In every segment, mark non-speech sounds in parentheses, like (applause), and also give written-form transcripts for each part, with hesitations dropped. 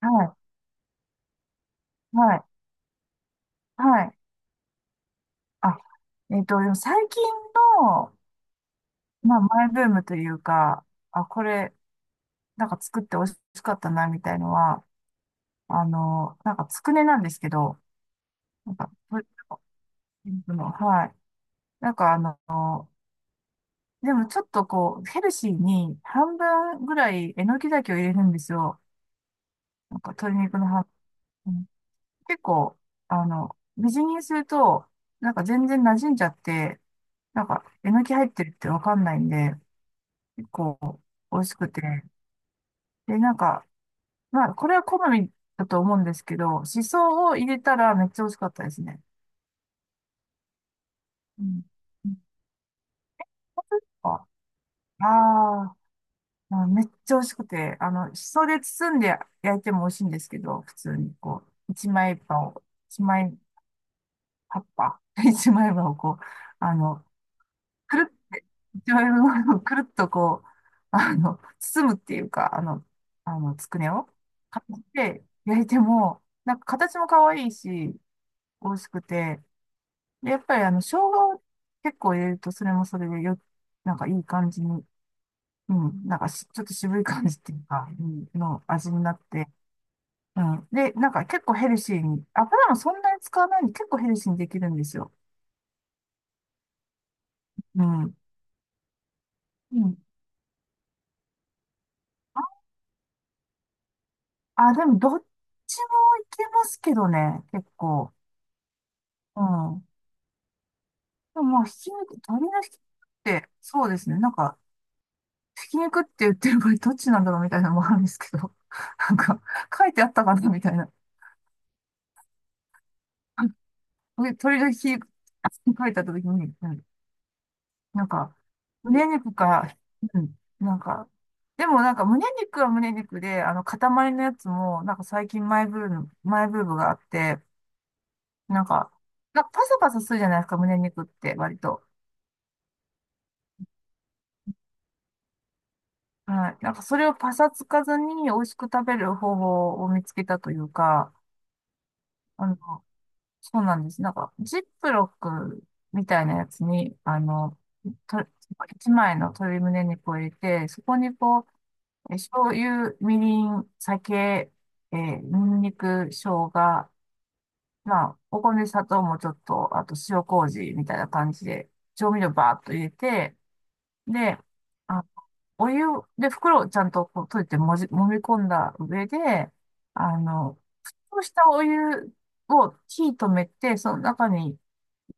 はい、はい、はい。あ、最近の、マイブームというか、あ、これ、なんか作って美味しかったな、みたいのは、つくねなんですけど、なんか、はい。なんか、あの、でもちょっとこう、ヘルシーに半分ぐらいえのきだけを入れるんですよ。なんか、鶏肉の半分。結構、みじん切りにすると、なんか全然馴染んじゃって、なんか、えのき入ってるってわかんないんで、結構美味しくて。で、なんか、まあ、これは好みだと思うんですけど、しそを入れたらめっちゃ美味しかったですね。うん。本当ですか？あーあ、まあめっちゃ美味しくて、しそで包んで焼いても美味しいんですけど、普通にこう、一枚葉を、一枚葉っぱ、(laughs) 一枚葉をこう、あの、くるって、醤油のものを (laughs) くるっとこう、包むっていうか、つくねを買って焼いても、なんか形も可愛いし、美味しくて、で、やっぱり生姜を結構入れると、それもそれでよ、なんかいい感じに、うん、なんかしちょっと渋い感じっていうか、うんの味になって、うん。で、なんか結構ヘルシーに、油もそんなに使わないんで結構ヘルシーにできるんですよ。うん。うん。あ、でもどっちもいけますけどね、結構。うん。でもまあ、ひき肉、鶏のひき肉って、そうですね、なんか、ひき肉って言ってる場合どっちなんだろうみたいなのもあるんですけど、(laughs) なんか、書いてあったかなみたいな。(laughs) で鶏のひき肉って書いてあった時に、うん、なんか、胸肉か、うん、なんか、でもなんか胸肉は胸肉で、塊のやつも、なんか最近マイブームがあって、なんか、なんかパサパサするじゃないですか、胸肉って割と。はい。なんかそれをパサつかずに美味しく食べる方法を見つけたというか、あの、そうなんです。なんか、ジップロックみたいなやつに、と、一枚の鶏胸肉を入れて、そこにこう、醤油、みりん、酒、ニンニク、生姜、まあ、お米、砂糖もちょっと、あと塩麹みたいな感じで、調味料バーっと入れて、で、あ、お湯で袋をちゃんとこう閉じて揉み込んだ上で、あの、そうしたお湯を火止めて、その中に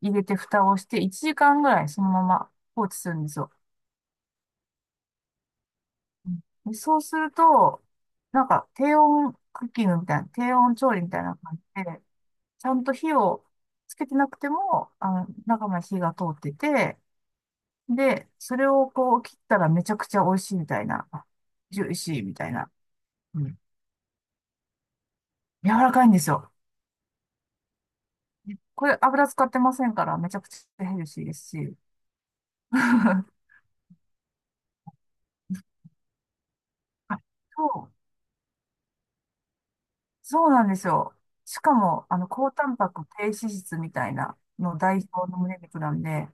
入れて蓋をして1時間ぐらいそのまま放置するんですよ。うん、でそうすると、なんか低温クッキングみたいな、低温調理みたいな感じで、ちゃんと火をつけてなくても、中まで火が通ってて、で、それをこう切ったらめちゃくちゃ美味しいみたいな。ジューシーみたいな。うん。柔らかいんですよ。これ油使ってませんからめちゃくちゃヘルシーですし。(laughs) あ、そう、そうなんですよ。しかも、高タンパク低脂質みたいなの代表の胸肉なんで、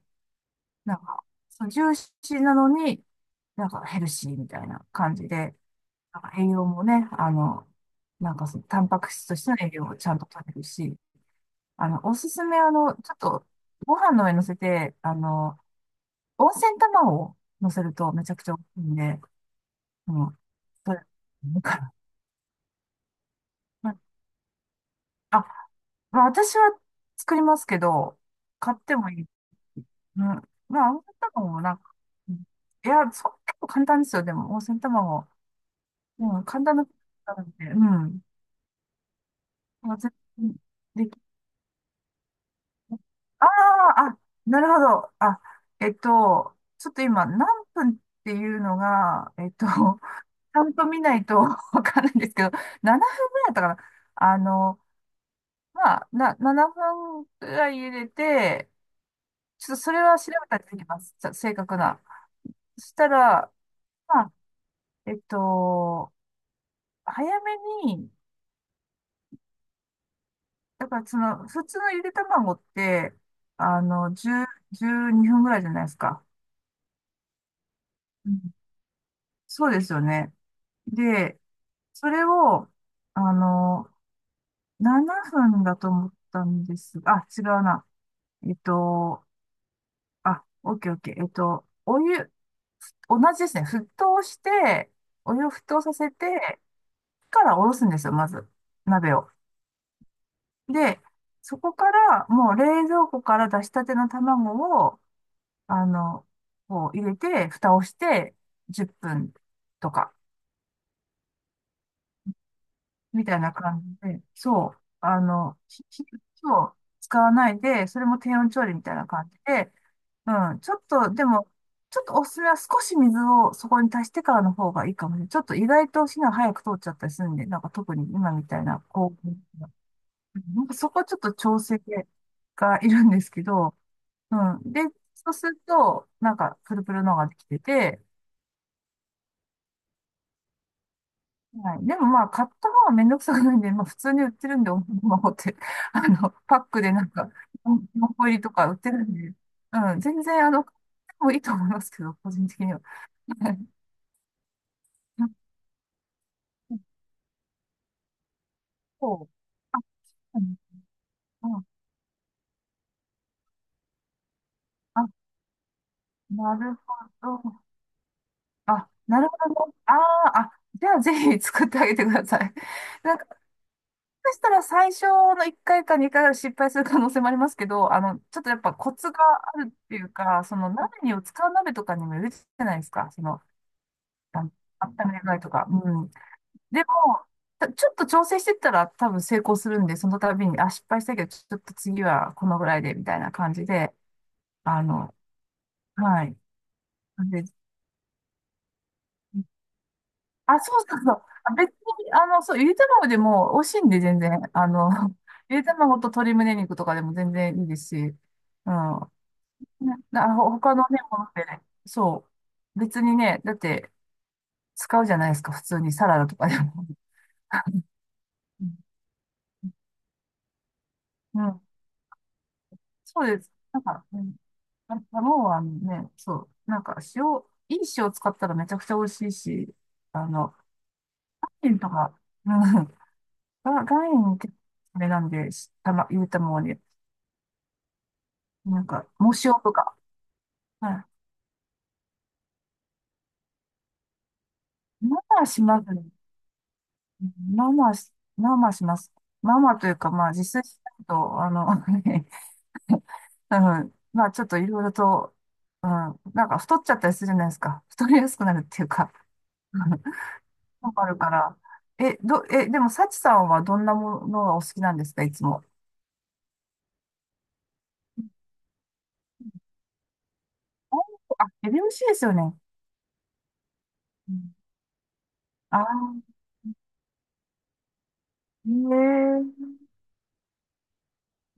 なんか、そう、ジューシーなのに、なんかヘルシーみたいな感じで、なんか栄養もね、なんかその、タンパク質としての栄養をちゃんと取れるし、おすすめ、ちょっと、ご飯の上に乗せて、温泉卵を乗せるとめちゃくちゃ美味しいんで、うん、それ、いから、まあ、まあ、私は作りますけど、買ってもいい。うん、まあ、温泉卵もなんか、うん、いや、そう、結構簡単ですよ、でも、温泉卵。うん、簡単な、なので、うん。まあ、全然。ああ、あ、なるほど。あ、ちょっと今、何分っていうのが、(laughs) ちゃんと見ないと (laughs) わかんないんですけど、7分ぐらいだったかな。あの、まあ、な、7分ぐらい入れて、ちょっとそれは調べたりできます。ちゃ正確な。そしたら、まあ、えっと、早めに、だからその、普通のゆで卵って、10、12分ぐらいじゃないですか。うん、そうですよね。で、それを、あの、7分だと思ったんですが、あ、違うな。えっと、あ、オッケーオッケー。お湯、同じですね。沸騰して、お湯を沸騰させて、からおろすんですよ、まず。鍋を。で、そこから、もう冷蔵庫から出したての卵を、あの、こう入れて、蓋をして、10分とか。みたいな感じで、そう、火を使わないで、それも低温調理みたいな感じで、うん、ちょっと、でも、ちょっとおすすめは少し水をそこに足してからの方がいいかもしれない。ちょっと意外と火が早く通っちゃったりするんで、なんか特に今みたいな、こう、なんかそこはちょっと調整がいるんですけど、うん。で、そうすると、なんかプルプルのができてて、はい。でもまあ、買った方はめんどくさくないんで、まあ、普通に売ってるんで、おままごって、(laughs) パックでなんか、4個入りとか売ってるんで、うん、全然、買ってもいいと思いますけど、個人的には。はい。そう。あ、うん、うん、あ、なるほど。あ、なるほど。あーあ、じゃあぜひ作ってあげてください。(laughs) なんかそしたら最初の1回か2回は失敗する可能性もありますけど、ちょっとやっぱコツがあるっていうか、その鍋にを使う鍋とかにもよるじゃないですか。その、あの温める具合とか。うん。でも、たちょっと調整してったら多分成功するんで、その度に、あ、失敗したけど、ちょっと次はこのぐらいで、みたいな感じで、あの、はい。なんで、あ、そうそうそう。あ、別に、そう、ゆで卵でも美味しいんで、全然。(laughs) ゆで卵と鶏胸肉とかでも全然いいですし。うん。ねな、ほ他のね、ものってね、そう。別にね、だって使うじゃないですか、普通にサラダとかでも。うん。うん、そうです。なんか、うん。あ、卵はね、そう。なんか塩、いい塩使ったらめちゃくちゃ美味しいし、あの、塩とか、うん。が岩塩結構あれなんで、したま、ゆで卵に、なんか、藻塩とか。はい。まあまあしますね。まあまあし、まあまあします。まあまあというか、まあ実際しないと、(laughs) はい。まあ、ちょっといろいろと、うん、なんか太っちゃったりするじゃないですか。(laughs) 太りやすくなるっていうか、うん、わかるから。え、ど、え、でも、幸さんはどんなものがお好きなんですか、いつも。あ、あヘビ虫ですよね。うん、あ、へええー。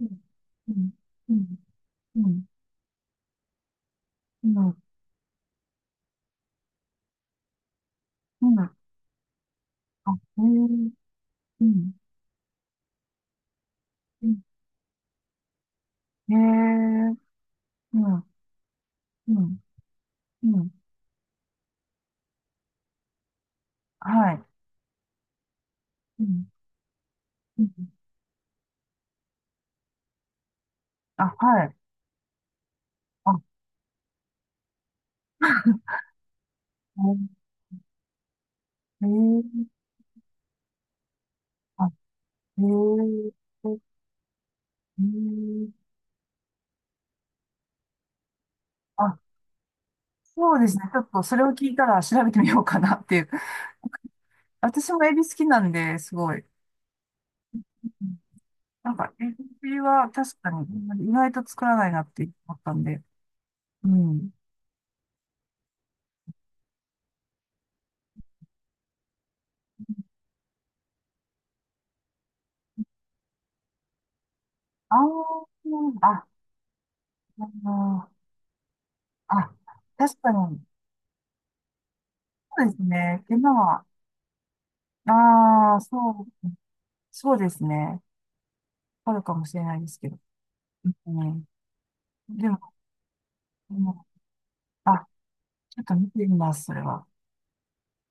うん、うん、うん、うん、うん、うん、あ、ええー。うん、うん、へえー。うん、うん、うん、はい。うん、うん、あ、はい。あ、へえー。へえー、うん、あ、そうですね。ちょっとそれを聞いたら調べてみようかなっていう。(laughs) 私もエビ好きなんで、すごい。なんか、エビは確かに意外と作らないなって思ったんで。うん。あー、あ、あー、あ、確かに、そうですね。手間は、ああ、そう、そうですね。あるかもしれないですけど。うん、でも、うん、あ、ちょっと見てみます、それは。